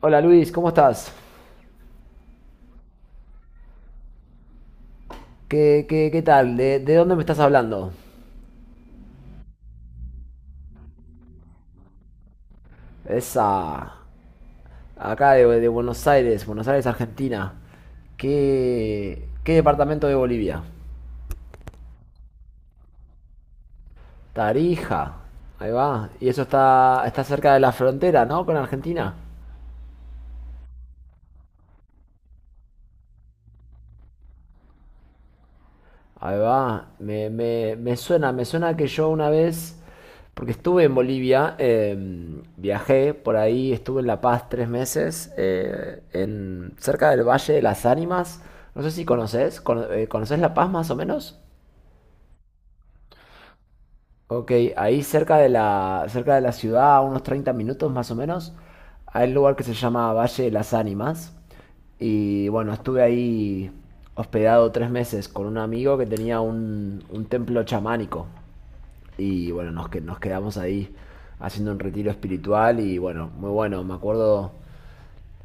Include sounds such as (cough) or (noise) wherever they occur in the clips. Hola Luis, ¿cómo estás? ¿Qué tal? ¿De dónde me estás hablando? Esa. Acá de Buenos Aires, Buenos Aires, Argentina. ¿Qué departamento de Bolivia? Tarija. Ahí va. Y eso está cerca de la frontera, ¿no? Con Argentina. Ahí va, me suena, me suena que yo una vez, porque estuve en Bolivia, viajé por ahí, estuve en La Paz 3 meses, cerca del Valle de las Ánimas, no sé si conoces, ¿conoces La Paz más o menos? Ok, ahí cerca de la ciudad, a unos 30 minutos más o menos, hay un lugar que se llama Valle de las Ánimas. Y bueno, estuve ahí hospedado 3 meses con un amigo que tenía un templo chamánico. Y bueno, nos quedamos ahí haciendo un retiro espiritual y bueno, muy bueno, me acuerdo,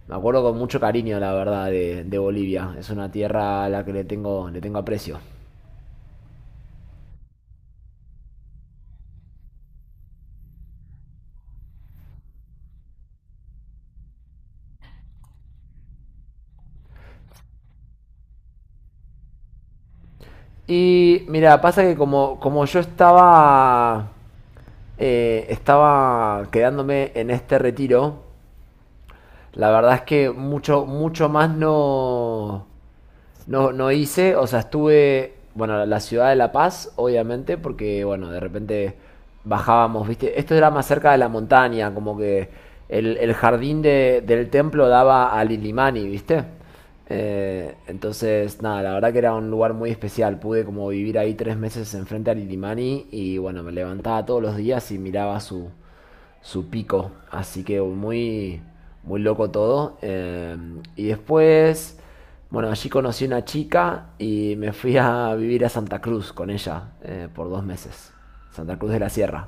me acuerdo con mucho cariño, la verdad, de Bolivia. Es una tierra a la que le tengo aprecio. Y mira, pasa que como yo estaba, estaba quedándome en este retiro, la verdad es que mucho, mucho más no. No, no hice, o sea, estuve, bueno, la ciudad de La Paz, obviamente, porque, bueno, de repente bajábamos, ¿viste? Esto era más cerca de la montaña, como que el jardín del templo daba a Lilimani, ¿viste? Entonces, nada, la verdad que era un lugar muy especial. Pude como vivir ahí 3 meses enfrente a Lilimani y, bueno, me levantaba todos los días y miraba su, su pico. Así que muy, muy loco todo. Y después, bueno, allí conocí una chica y me fui a vivir a Santa Cruz con ella, por 2 meses. Santa Cruz de la Sierra.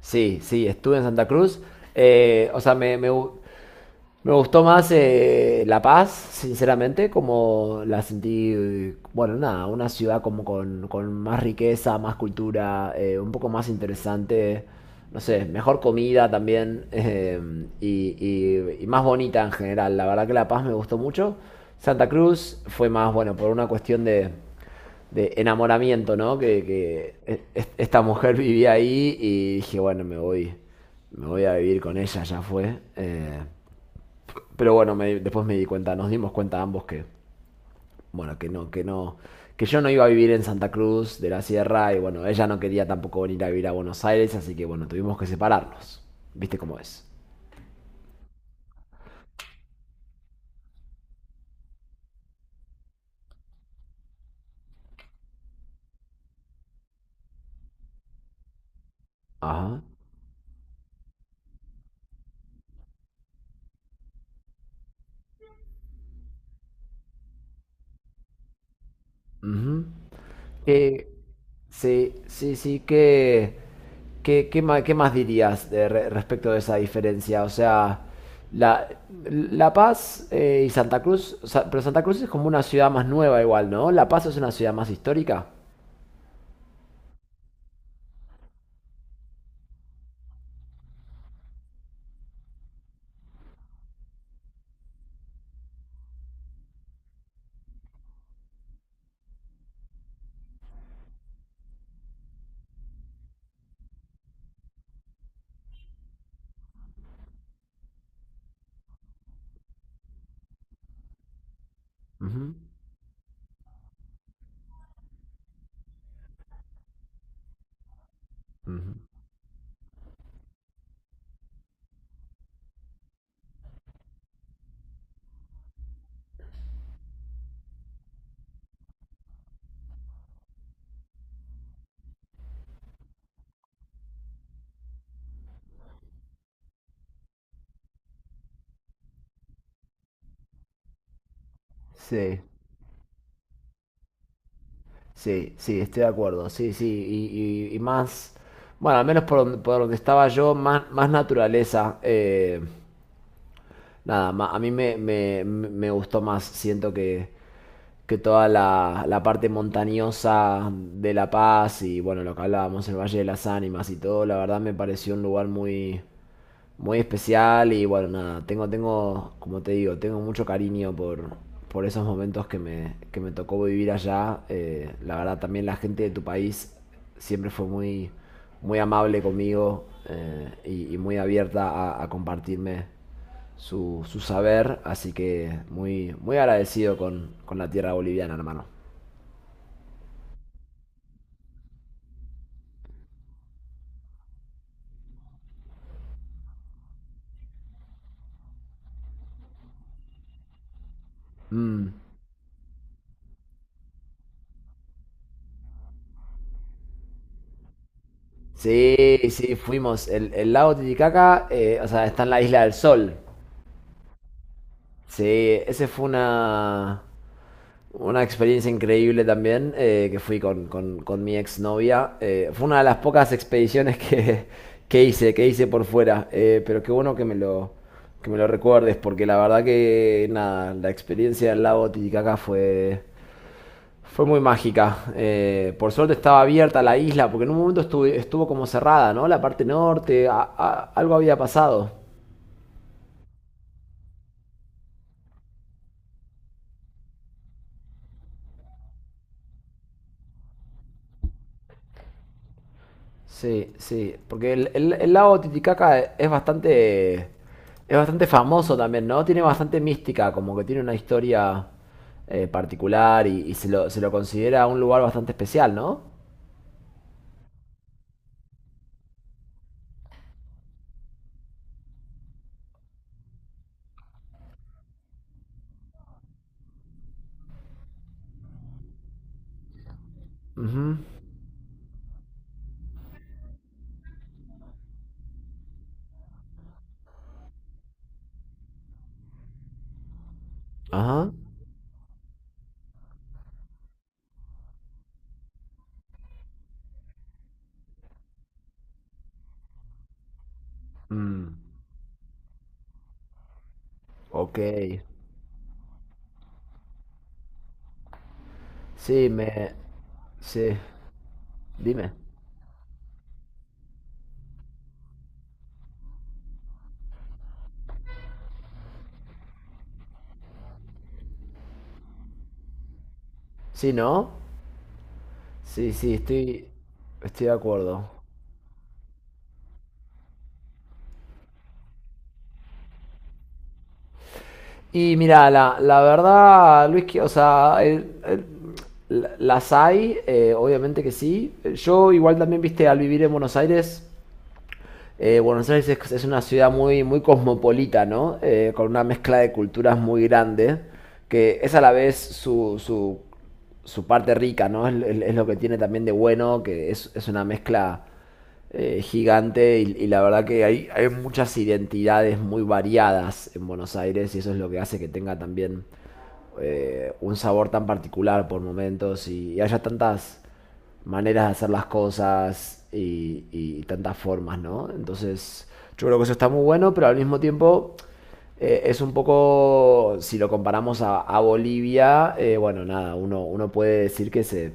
Sí, sí, estuve en Santa Cruz. O sea, me gustó más, La Paz, sinceramente, como la sentí, bueno, nada, una ciudad como con más riqueza, más cultura, un poco más interesante, no sé, mejor comida también, y más bonita en general. La verdad que La Paz me gustó mucho. Santa Cruz fue más, bueno, por una cuestión de enamoramiento, ¿no? Esta mujer vivía ahí y dije, bueno, me voy a vivir con ella, ya fue. Pero bueno, me después me di cuenta, nos dimos cuenta ambos que, bueno, que no, que yo no iba a vivir en Santa Cruz de la Sierra y bueno, ella no quería tampoco venir a vivir a Buenos Aires, así que bueno, tuvimos que separarnos. ¿Viste cómo es? Ajá. Ujú. Eh, sí, sí, sí, que... ¿Qué más dirías respecto de esa diferencia? O sea, La, La Paz, y Santa Cruz, o sea, pero Santa Cruz es como una ciudad más nueva igual, ¿no? La Paz es una ciudad más histórica. Ujú, ujú. Sí, sí, sí, estoy de acuerdo. Sí, sí, y más, bueno, al menos por donde estaba yo, más, más naturaleza. Nada, a mí me gustó más. Siento que toda la, la parte montañosa de La Paz y bueno, lo que hablábamos, el Valle de las Ánimas y todo, la verdad me pareció un lugar muy, muy especial y bueno, nada, como te digo, tengo mucho cariño por esos momentos que me tocó vivir allá. La verdad también la gente de tu país siempre fue muy, muy amable conmigo, y muy abierta a compartirme su, su saber, así que muy, muy agradecido con la tierra boliviana, hermano. Mm. Sí, sí, fuimos. El lago Titicaca, o sea, está en la Isla del Sol. Sí, ese fue una experiencia increíble también, que fui con, con mi exnovia. Fue una de las pocas expediciones que, (laughs) que hice por fuera. Pero qué bueno que me lo recuerdes, porque la verdad que nada, la experiencia del lago Titicaca fue muy mágica. Por suerte estaba abierta la isla, porque en un momento estuvo como cerrada, ¿no? La parte norte, algo había pasado. Sí, sí, porque el lago Titicaca es bastante famoso también, ¿no? Tiene bastante mística, como que tiene una historia, particular, y se lo considera un lugar bastante especial, ¿no? Ujú. Ajá. Mm, ok. Sí, me... Sí, dime. Sí, ¿no? Sí, sí, estoy de acuerdo. Y mira, la verdad, Luis, que, o sea, las hay, obviamente que sí. Yo igual también, viste, al vivir en Buenos Aires, Buenos Aires es una ciudad muy, muy cosmopolita, ¿no? Con una mezcla de culturas muy grande, que es a la vez su, su, su parte rica, ¿no? Es lo que tiene también de bueno, que es una mezcla, gigante, y la verdad que hay muchas identidades muy variadas en Buenos Aires y eso es lo que hace que tenga también, un sabor tan particular por momentos, y haya tantas maneras de hacer las cosas, y tantas formas, ¿no? Entonces, yo creo que eso está muy bueno, pero al mismo tiempo, es un poco, si lo comparamos a Bolivia, bueno, nada, uno puede decir que se,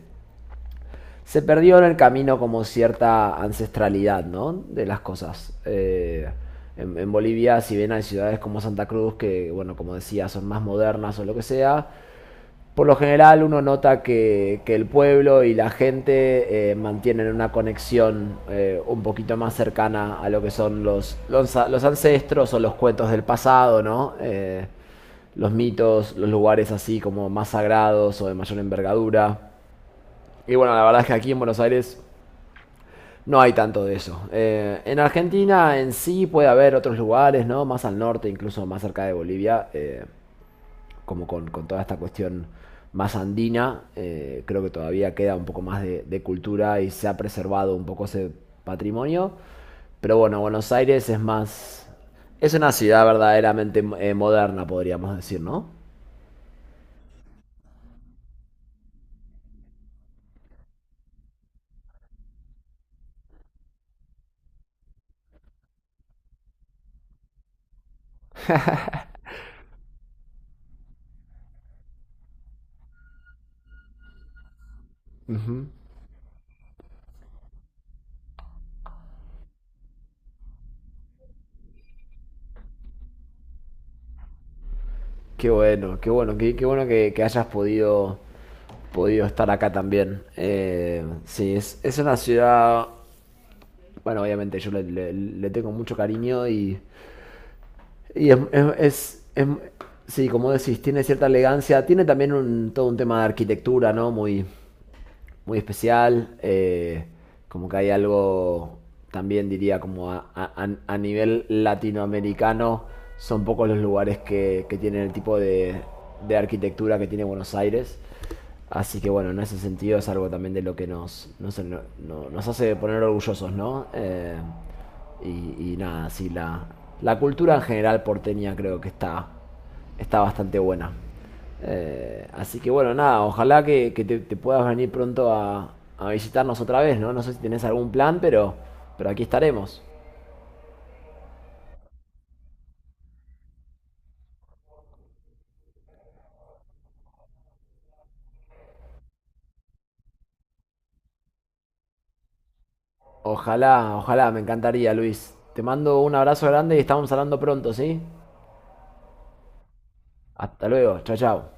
se perdió en el camino como cierta ancestralidad, ¿no? De las cosas. En Bolivia, si bien hay ciudades como Santa Cruz, que, bueno, como decía, son más modernas o lo que sea, por lo general uno nota que el pueblo y la gente, mantienen una conexión, un poquito más cercana a lo que son los ancestros o los cuentos del pasado, ¿no? Los mitos, los lugares así como más sagrados o de mayor envergadura. Y bueno, la verdad es que aquí en Buenos Aires no hay tanto de eso. En Argentina en sí puede haber otros lugares, ¿no? Más al norte, incluso más cerca de Bolivia, como con toda esta cuestión más andina. Creo que todavía queda un poco más de cultura y se ha preservado un poco ese patrimonio. Pero bueno, Buenos Aires es más... Es una ciudad verdaderamente, moderna, podríamos decir, ¿no? Ujú. Qué bueno, qué bueno, qué bueno que hayas podido estar acá también. Sí, es una ciudad, bueno, obviamente yo le, le tengo mucho cariño Y sí, como decís, tiene cierta elegancia, tiene también todo un tema de arquitectura, ¿no? Muy, muy especial, como que hay algo también diría como a, a nivel latinoamericano son pocos los lugares que tienen el tipo de arquitectura que tiene Buenos Aires. Así que bueno, en ese sentido es algo también de lo que nos hace poner orgullosos, ¿no? Y nada, sí, la cultura en general porteña creo que está bastante buena. Así que bueno, nada, ojalá que te puedas venir pronto a visitarnos otra vez, ¿no? No sé si tenés algún plan, pero aquí estaremos. Ojalá, ojalá, me encantaría, Luis. Te mando un abrazo grande y estamos hablando pronto, ¿sí? Hasta luego, chao, chao.